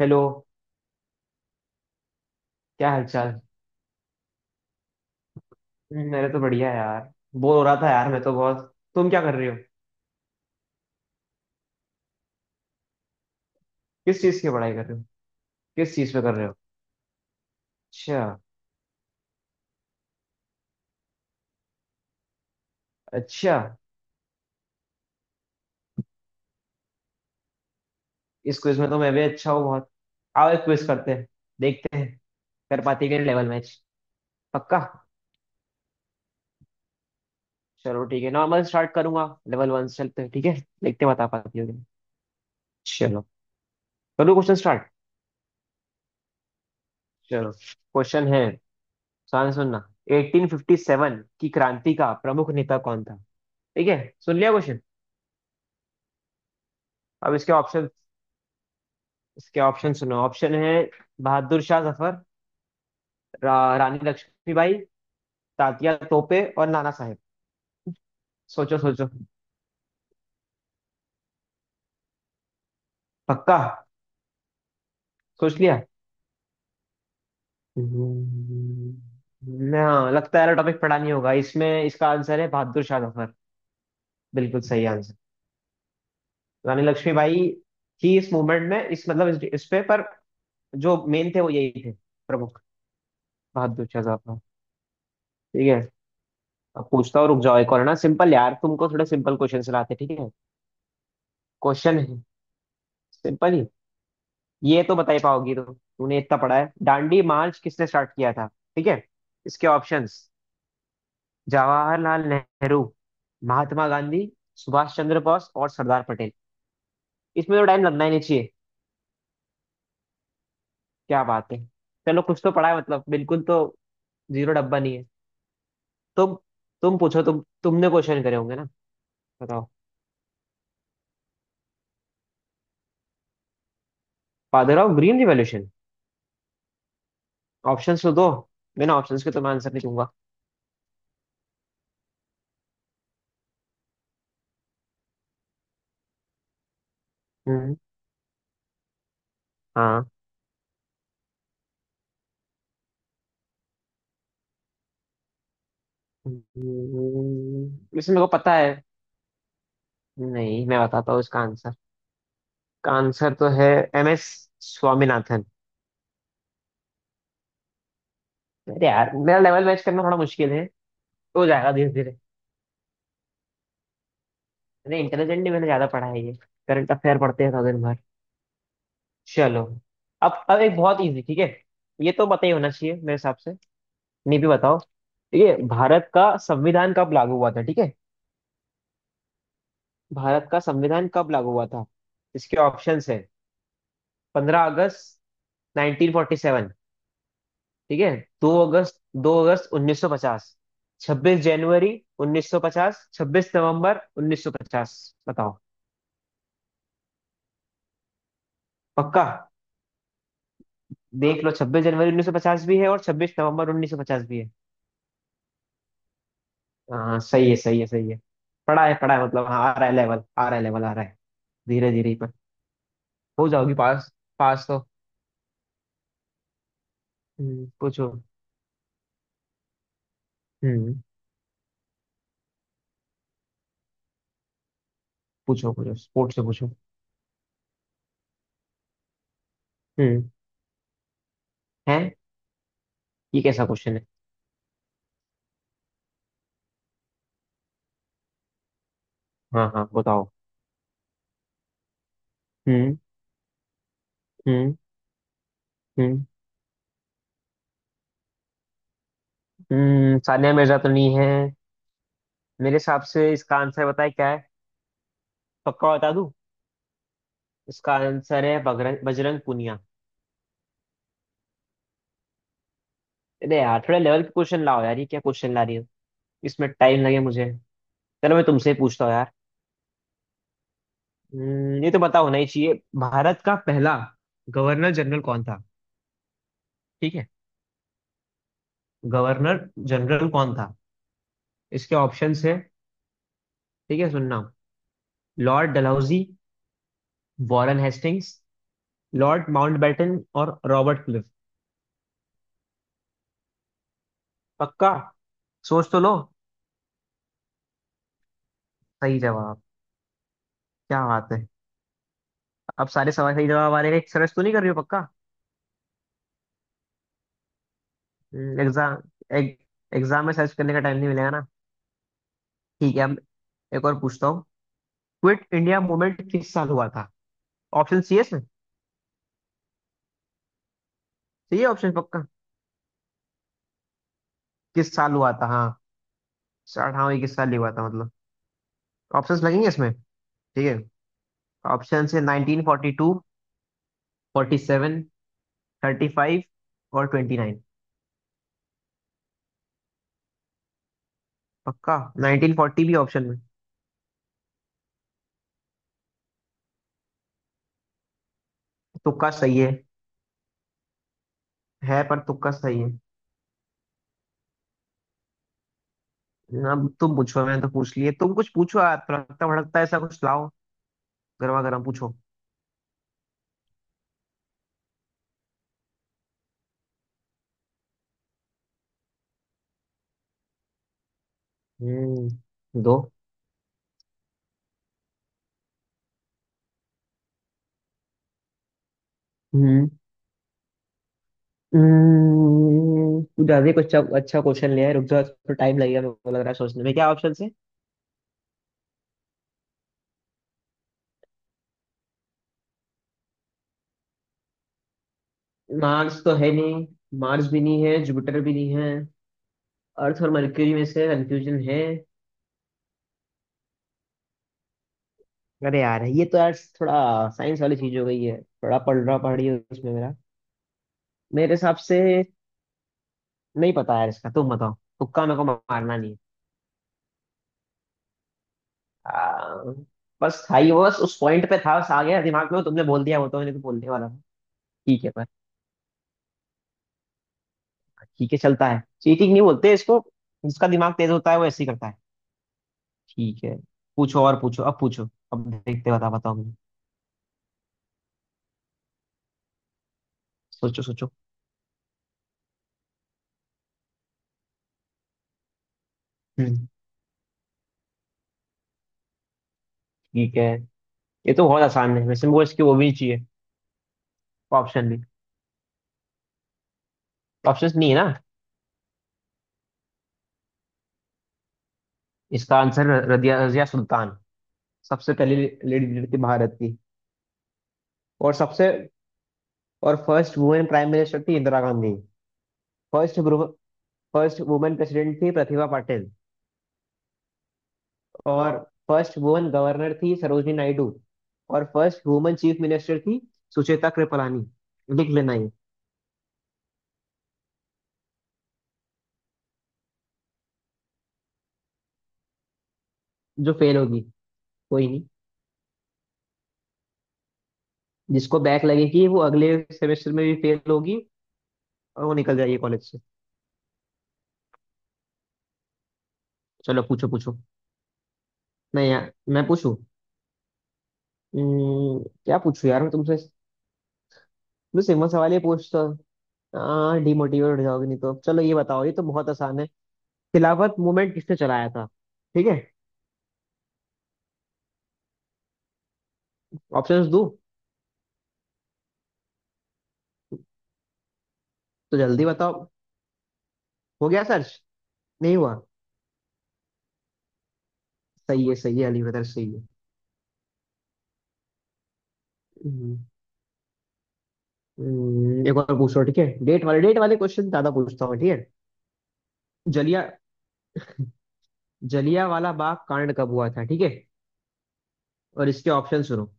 Hello, क्या हालचाल। मेरे तो बढ़िया है यार। बोर हो रहा था यार, मैं तो बहुत। तुम क्या कर रहे हो। किस चीज़ की पढ़ाई कर रहे हो। किस चीज़ पे कर रहे हो। अच्छा। अच्छा। इस क्विज में तो मैं भी अच्छा हूँ बहुत। आओ एक क्विज करते हैं। देखते हैं कर पाती है लेवल मैच। पक्का। चलो ठीक है, नॉर्मल स्टार्ट करूंगा, लेवल वन से चलते हैं ठीक है। देखते हैं बता पाती हो कि नहीं। चलो, करूँ क्वेश्चन स्टार्ट। चलो क्वेश्चन है, ध्यान से सुनना। 1857 की क्रांति का प्रमुख नेता कौन था। ठीक है, सुन लिया क्वेश्चन। अब इसके ऑप्शन, इसके ऑप्शन सुनो। ऑप्शन है बहादुर शाह जफर, रानी लक्ष्मीबाई, तात्या तोपे और नाना साहेब। सोचो सोचो। पक्का। सोच लिया। हम्म, हाँ लगता है टॉपिक पढ़ा नहीं होगा। इसमें इसका आंसर है बहादुर शाह जफर। बिल्कुल सही आंसर। रानी लक्ष्मीबाई थी इस मूवमेंट में, इस मतलब इस पे पर जो मेन थे वो यही थे, प्रमुख बहादुर शाह जफर। ठीक है। अब पूछता हूँ, रुक जाओ, एक और है ना सिंपल। यार तुमको थोड़े सिंपल क्वेश्चन लाते ठीक है। क्वेश्चन है सिंपल ही। ये तो बता ही पाओगी तुम, तूने इतना पढ़ा है। दांडी मार्च किसने स्टार्ट किया था ठीक है। इसके ऑप्शंस: जवाहरलाल नेहरू, महात्मा गांधी, सुभाष चंद्र बोस और सरदार पटेल। इसमें तो टाइम लगना ही नहीं चाहिए। क्या बात है। चलो कुछ तो पढ़ा है मतलब, बिल्कुल तो जीरो डब्बा नहीं है। तुम तुम पूछो। तुमने क्वेश्चन करे होंगे ना। बताओ। Father of green revolution. Options तो दो, बिना ऑप्शंस के तो मैं आंसर नहीं दूंगा। हम्म। हाँ। इसमें मेरे को पता है। नहीं मैं बताता हूँ इसका आंसर। का आंसर तो है एम एस स्वामीनाथन। अरे यार, मेरा लेवल मैच करना थोड़ा मुश्किल है। हो जाएगा धीरे धीरे। अरे इंटेलिजेंट नहीं, मैंने ज्यादा पढ़ा है ये। करंट अफेयर पढ़ते हैं दिन भर। चलो, अब एक बहुत इजी ठीक है। ये तो पता ही होना चाहिए मेरे हिसाब से, नहीं भी बताओ। ये भारत का संविधान कब लागू हुआ था ठीक है। भारत का संविधान कब लागू हुआ था। इसके ऑप्शंस है: पंद्रह अगस्त 1947 ठीक है, दो अगस्त 1950, 26 जनवरी 1950, 26 नवंबर 1950। बताओ। पक्का। देख लो, 26 जनवरी 1950 भी है और 26 नवंबर 1950 भी है। हाँ सही है, सही है, सही है। पढ़ा है, पढ़ा है मतलब, हाँ आ रहा है लेवल, आ रहा है लेवल, आ रहा है। धीरे धीरे ही पर हो जाओगी पास। पास तो। हम्म, पूछो। हम्म। पूछो, पूछो स्पोर्ट्स से पूछो। हम्म। है। ये कैसा क्वेश्चन है। हाँ हाँ बताओ। हम्म। हम्म। हम्म। हम्म। सानिया मिर्जा तो नहीं है। मेरे हिसाब से इसका आंसर बताए क्या है। पक्का बता दूं। इसका आंसर है बगरंग बजरंग पूनिया। अरे यार थोड़ा लेवल के क्वेश्चन लाओ यार, ये क्या क्वेश्चन ला रही हो। इसमें टाइम लगे मुझे। चलो मैं तुमसे ही पूछता हूँ यार। ये तो पता होना ही चाहिए। भारत का पहला गवर्नर जनरल कौन था ठीक है। गवर्नर जनरल कौन था। इसके ऑप्शंस है, ठीक है सुनना: Lord Dalhousie, Warren Hastings, Lord Mountbatten और रॉबर्ट क्लिफ। पक्का, सोच तो लो। सही जवाब। क्या बात है। अब सारे सवाल सही जवाब आ रहे हैं, सर्च तो नहीं कर रही हो पक्का। एग्जाम एग्जाम में सर्च करने का टाइम नहीं मिलेगा ना। ठीक है अब, एक और पूछता हूँ। क्विट इंडिया मूवमेंट किस साल हुआ था। ऑप्शन सी एस में चाहिए ऑप्शन पक्का। किस साल हुआ था हाँ। अठारहवीं किस साल ही हुआ था मतलब। ऑप्शंस लगेंगे इसमें ठीक है। ऑप्शन है nineteen forty two, forty seven, thirty five और ट्वेंटी नाइन। पक्का, नाइनटीन फोर्टी भी ऑप्शन में। तुक्का सही है। है पर, तुक्का सही है। अब तुम पूछो, मैंने तो पूछ लिए। तुम कुछ पूछो यार, तड़कता भड़कता ऐसा कुछ लाओ, गर्मा गर्म पूछो। दो। हम्म। कुछ ज्यादा ही कुछ अच्छा अच्छा क्वेश्चन लिया है। रुक जाओ, थोड़ा टाइम लगेगा मेरे को लग रहा है, सोचने में। क्या ऑप्शन से। मार्स तो है नहीं। मार्स भी नहीं है, जुपिटर भी नहीं है। अर्थ और मरक्यूरी में से कंफ्यूजन है। अरे यार ये तो यार, थोड़ा साइंस वाली चीज हो गई है। थोड़ा पढ़ रहा पढ़ी उसमें मेरा। मेरे हिसाब से नहीं पता यार इसका, तुम बताओ। तुक्का मेरे को मारना नहीं है। आ, बस था ही वो, बस उस पॉइंट पे था, बस आ गया दिमाग में वो। तुमने बोल दिया वो तो, मैंने तो बोलने वाला था। ठीक है पर, ठीक है चलता है, चीटिंग नहीं बोलते इसको। जिसका दिमाग तेज होता है वो ऐसे ही करता है। ठीक है, पूछो और पूछो, अब पूछो, अब देखते बता, बताओ मुझे। सोचो सोचो। हम्म। ठीक है, ये तो बहुत आसान है, वैसे मुझे इसकी वो भी नहीं चाहिए ऑप्शन भी। ऑप्शन नहीं है ना। इसका आंसर रदिया रजिया सुल्तान, सबसे पहली लेडी लीडर थी भारत की। और सबसे और फर्स्ट वुमेन प्राइम मिनिस्टर थी Indira Gandhi. First first women president थी प्रतिभा पाटिल। और हाँ, फर्स्ट वुमेन गवर्नर थी सरोजनी नायडू। और फर्स्ट वुमेन चीफ मिनिस्टर थी सुचेता कृपलानी। लिख लेना ये। जो फेल होगी। कोई नहीं। जिसको बैक लगेगी वो अगले सेमेस्टर में भी फेल होगी, और वो निकल जाएगी कॉलेज से। चलो, पूछो पूछो। नहीं यार मैं पूछूं। क्या पूछूं यार मैं तुमसे। मैं सिंपल सवाल ही पूछता, हाँ डिमोटिवेट हो जाओगे नहीं तो। चलो ये बताओ, ये तो बहुत आसान है। खिलाफत मूवमेंट किसने चलाया था ठीक है। ऑप्शंस दूं। तो जल्दी बताओ, हो गया सर्च। नहीं हुआ। सही है, सही है, अली बदर सही है। हम्म। एक और पूछो ठीक है। डेट वाले क्वेश्चन ज्यादा पूछता हूँ ठीक है। जलिया जलिया वाला बाग कांड कब हुआ था ठीक है। और इसके ऑप्शन सुनो: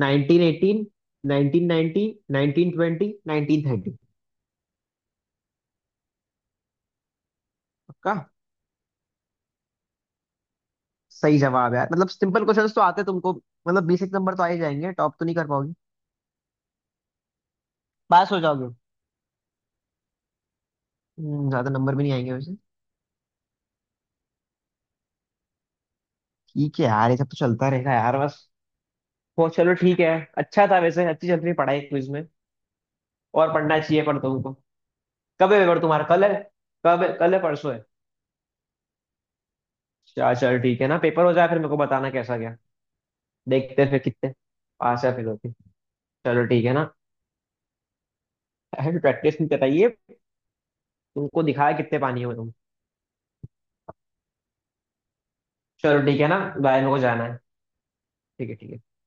1918, 1990, 1920, 1930। पक्का। सही जवाब है यार मतलब। सिंपल क्वेश्चंस तो आते तुमको, मतलब बेसिक नंबर तो आ ही जाएंगे, टॉप तो नहीं कर पाओगे। पास हो जाओगे। ज्यादा नंबर भी नहीं आएंगे वैसे। ठीक है यार, ये सब तो चलता रहेगा यार बस। वो चलो ठीक है। अच्छा था वैसे, अच्छी चल रही पढ़ाई क्विज में। और पढ़ना चाहिए पर तुमको। कब है पेपर तुम्हारा, कल है। कब है, कल है परसों है। चल चल ठीक है ना, पेपर हो जाए फिर मेरे को बताना कैसा गया। देखते हैं फिर, कितने पास है फिर होती। चलो ठीक है ना। ऐसे प्रैक्टिस नहीं कराइए, तुमको दिखाया कितने पानी हो तुम। चलो ठीक है ना बाय, मेरे को जाना है। ठीक है, ठीक है।